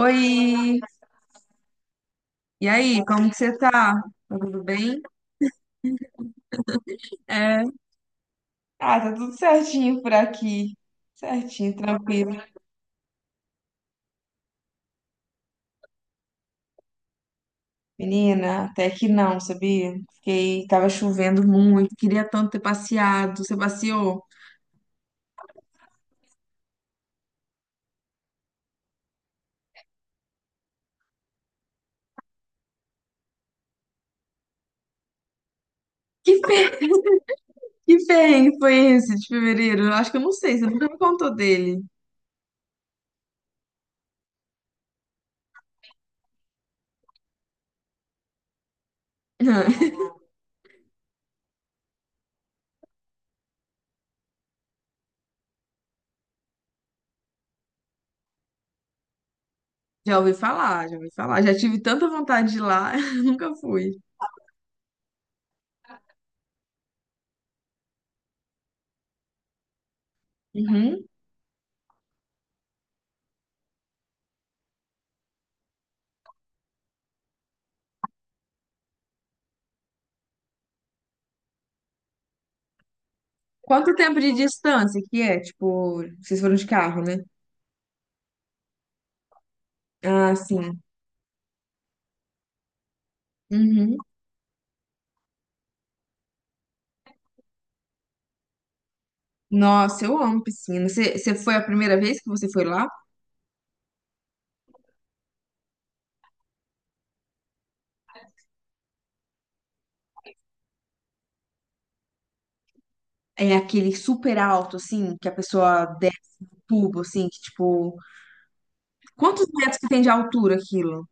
Oi, e aí, como que você tá? Tá tudo bem? É, Ah, tá tudo certinho por aqui. Certinho, tranquilo. Menina, até que não, sabia? Fiquei, tava chovendo muito, queria tanto ter passeado. Você passeou? Que fer... que perrengue foi esse de fevereiro? Eu acho que eu não sei, você nunca me contou dele. Já ouvi falar, já ouvi falar. Já tive tanta vontade de ir lá, nunca fui. Uhum. Quanto tempo de distância que é? Tipo, vocês foram de carro, né? Ah, sim. Uhum. Nossa, eu amo piscina. Você foi a primeira vez que você foi lá? É aquele super alto, assim, que a pessoa desce o tubo, assim, que tipo. Quantos metros que tem de altura aquilo?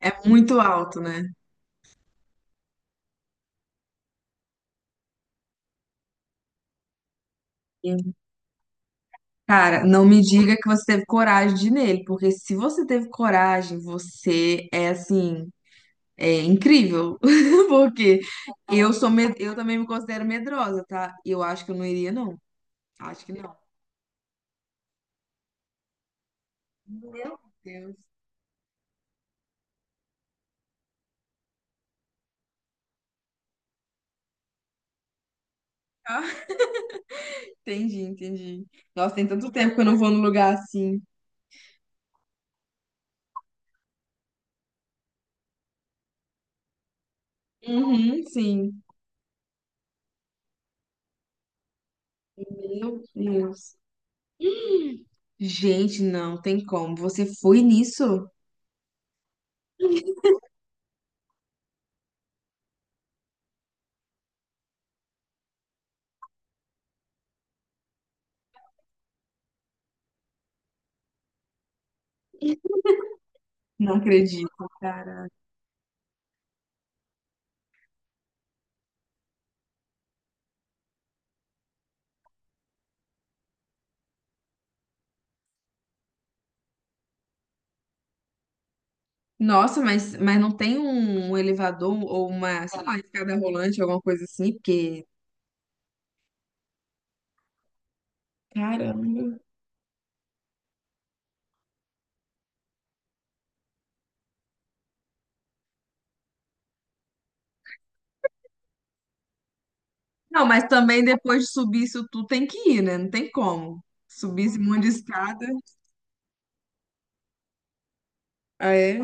É muito alto, né? Sim. Cara, não me diga que você teve coragem de ir nele, porque se você teve coragem, você é assim. É incrível, porque eu também me considero medrosa, tá? Eu acho que eu não iria, não. Acho que não. Meu Deus. Entendi, entendi. Nossa, tem tanto tempo que eu não vou num lugar assim. Uhum, sim. Meu Deus. Hum. Gente, não tem como. Você foi nisso? Não acredito, cara. Nossa, mas não tem um elevador ou uma, sei lá, escada rolante, alguma coisa assim, porque. Caramba. Não, mas também depois de subir isso tudo tem que ir, né? Não tem como. Subir esse monte de escada. Ah, é?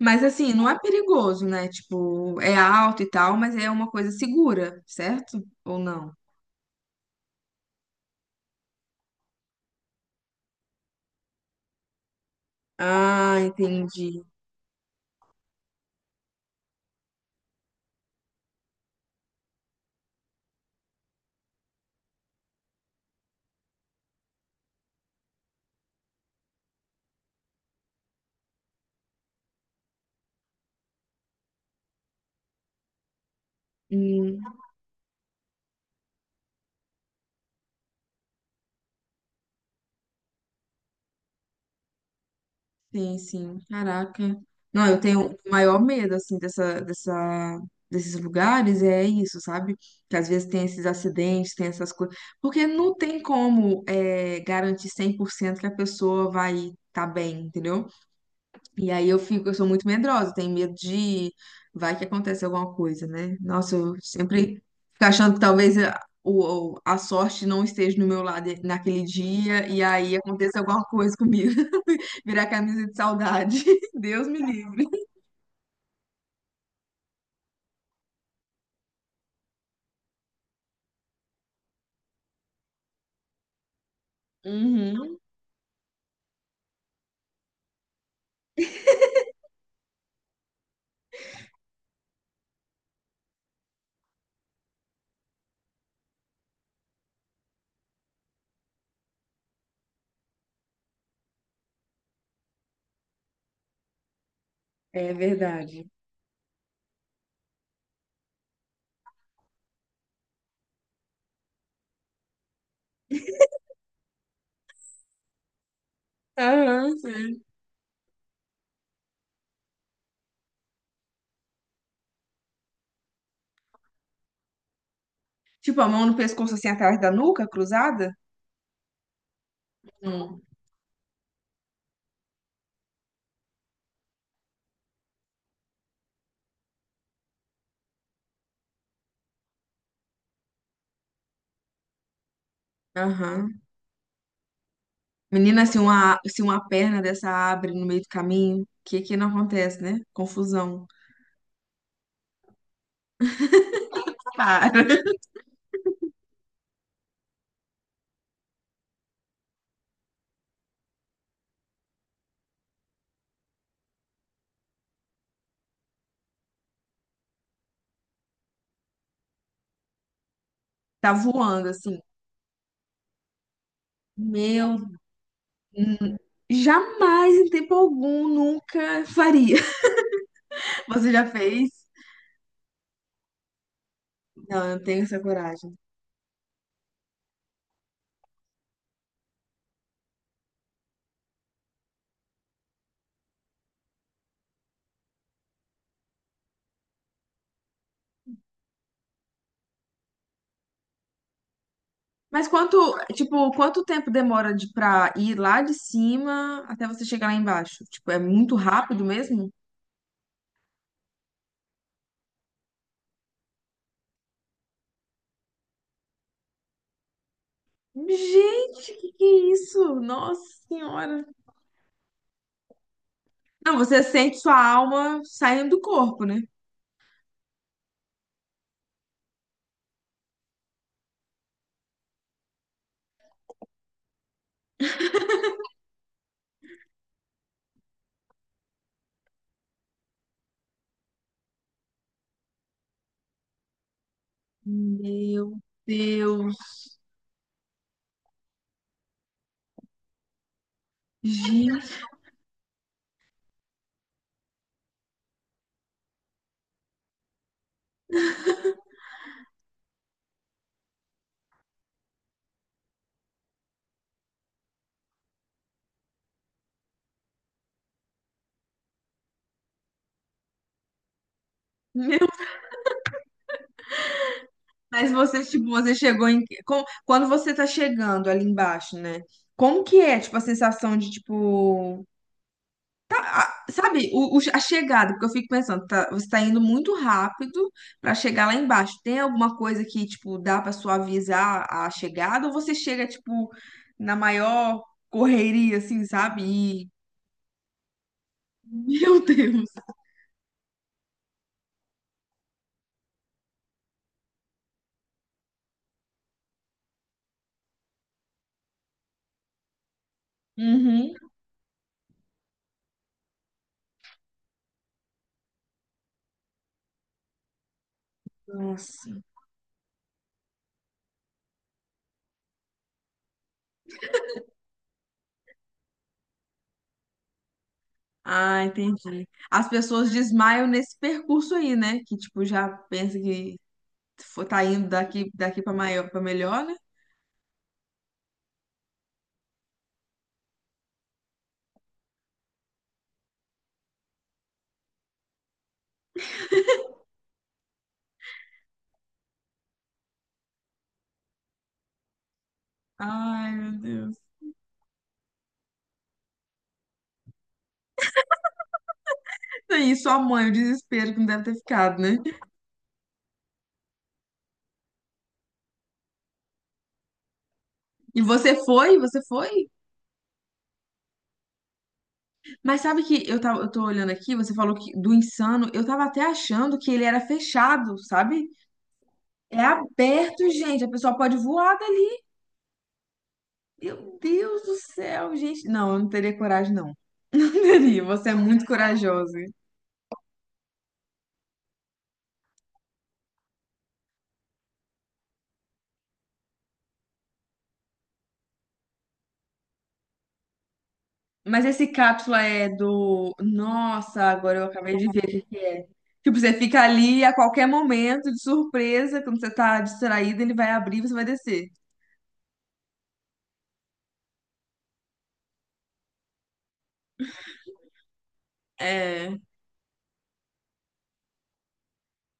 Mas assim, não é perigoso, né? Tipo, é alto e tal, mas é uma coisa segura, certo? Ou não? Ah, entendi. Hum, sim, sim. Caraca. Não, eu tenho o maior medo, assim, desses lugares, é isso, sabe? Que às vezes tem esses acidentes, tem essas coisas. Porque não tem como, é, garantir 100% que a pessoa vai estar bem, entendeu? E aí eu fico, eu sou muito medrosa, tenho medo de vai que acontece alguma coisa, né? Nossa, eu sempre fico achando que talvez a, a sorte não esteja no meu lado naquele dia e aí aconteça alguma coisa comigo. Virar camisa de saudade. Deus me livre. Uhum, é verdade. Aham, sim. Tipo, a mão no pescoço assim atrás da nuca, cruzada? Hum, Aham. Menina, se uma perna dessa abre no meio do caminho, o que que não acontece, né? Confusão. Para. Tá voando, assim. Meu, hum, jamais em tempo algum, nunca faria. Você já fez? Não, eu não tenho essa coragem. Mas quanto, tipo, quanto tempo demora de pra ir lá de cima até você chegar lá embaixo? Tipo, é muito rápido mesmo? Gente, que é isso? Nossa Senhora. Não, você sente sua alma saindo do corpo, né? Meu Deus. Gente. Mas você, tipo, você chegou em. Com- Quando você tá chegando ali embaixo, né? Como que é, tipo, a sensação de, tipo. Sabe, a chegada, porque eu fico pensando, tá, você tá indo muito rápido pra chegar lá embaixo. Tem alguma coisa que, tipo, dá pra suavizar a chegada? Ou você chega, tipo, na maior correria, assim, sabe? E- Meu Deus! Uhum. Nossa. Ah, entendi. As pessoas desmaiam nesse percurso aí, né? Que, tipo, já pensa que tá indo daqui, daqui pra maior, pra melhor, né? Ai, meu Deus. E sua mãe, o desespero que não deve ter ficado, né? E você foi, você foi? Mas sabe que eu tava, eu tô olhando aqui, você falou que do Insano, eu tava até achando que ele era fechado, sabe? É aberto, gente, a pessoa pode voar dali. Meu Deus do céu, gente. Não, eu não teria coragem, não. Não teria, você é muito corajosa. Mas esse cápsula é do. Nossa, agora eu acabei de ver o que que é. Tipo, você fica ali e a qualquer momento, de surpresa, quando você tá distraído, ele vai abrir e você vai descer. É.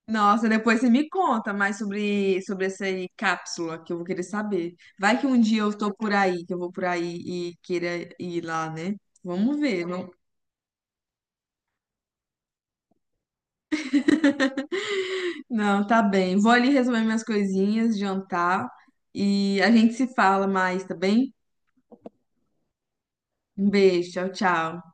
Nossa, depois você me conta mais sobre, sobre essa aí cápsula, que eu vou querer saber. Vai que um dia eu tô por aí, que eu vou por aí e queira ir lá, né? Vamos ver. Não, não tá bem. Vou ali resolver minhas coisinhas, jantar e a gente se fala mais, tá bem? Um beijo, tchau, tchau.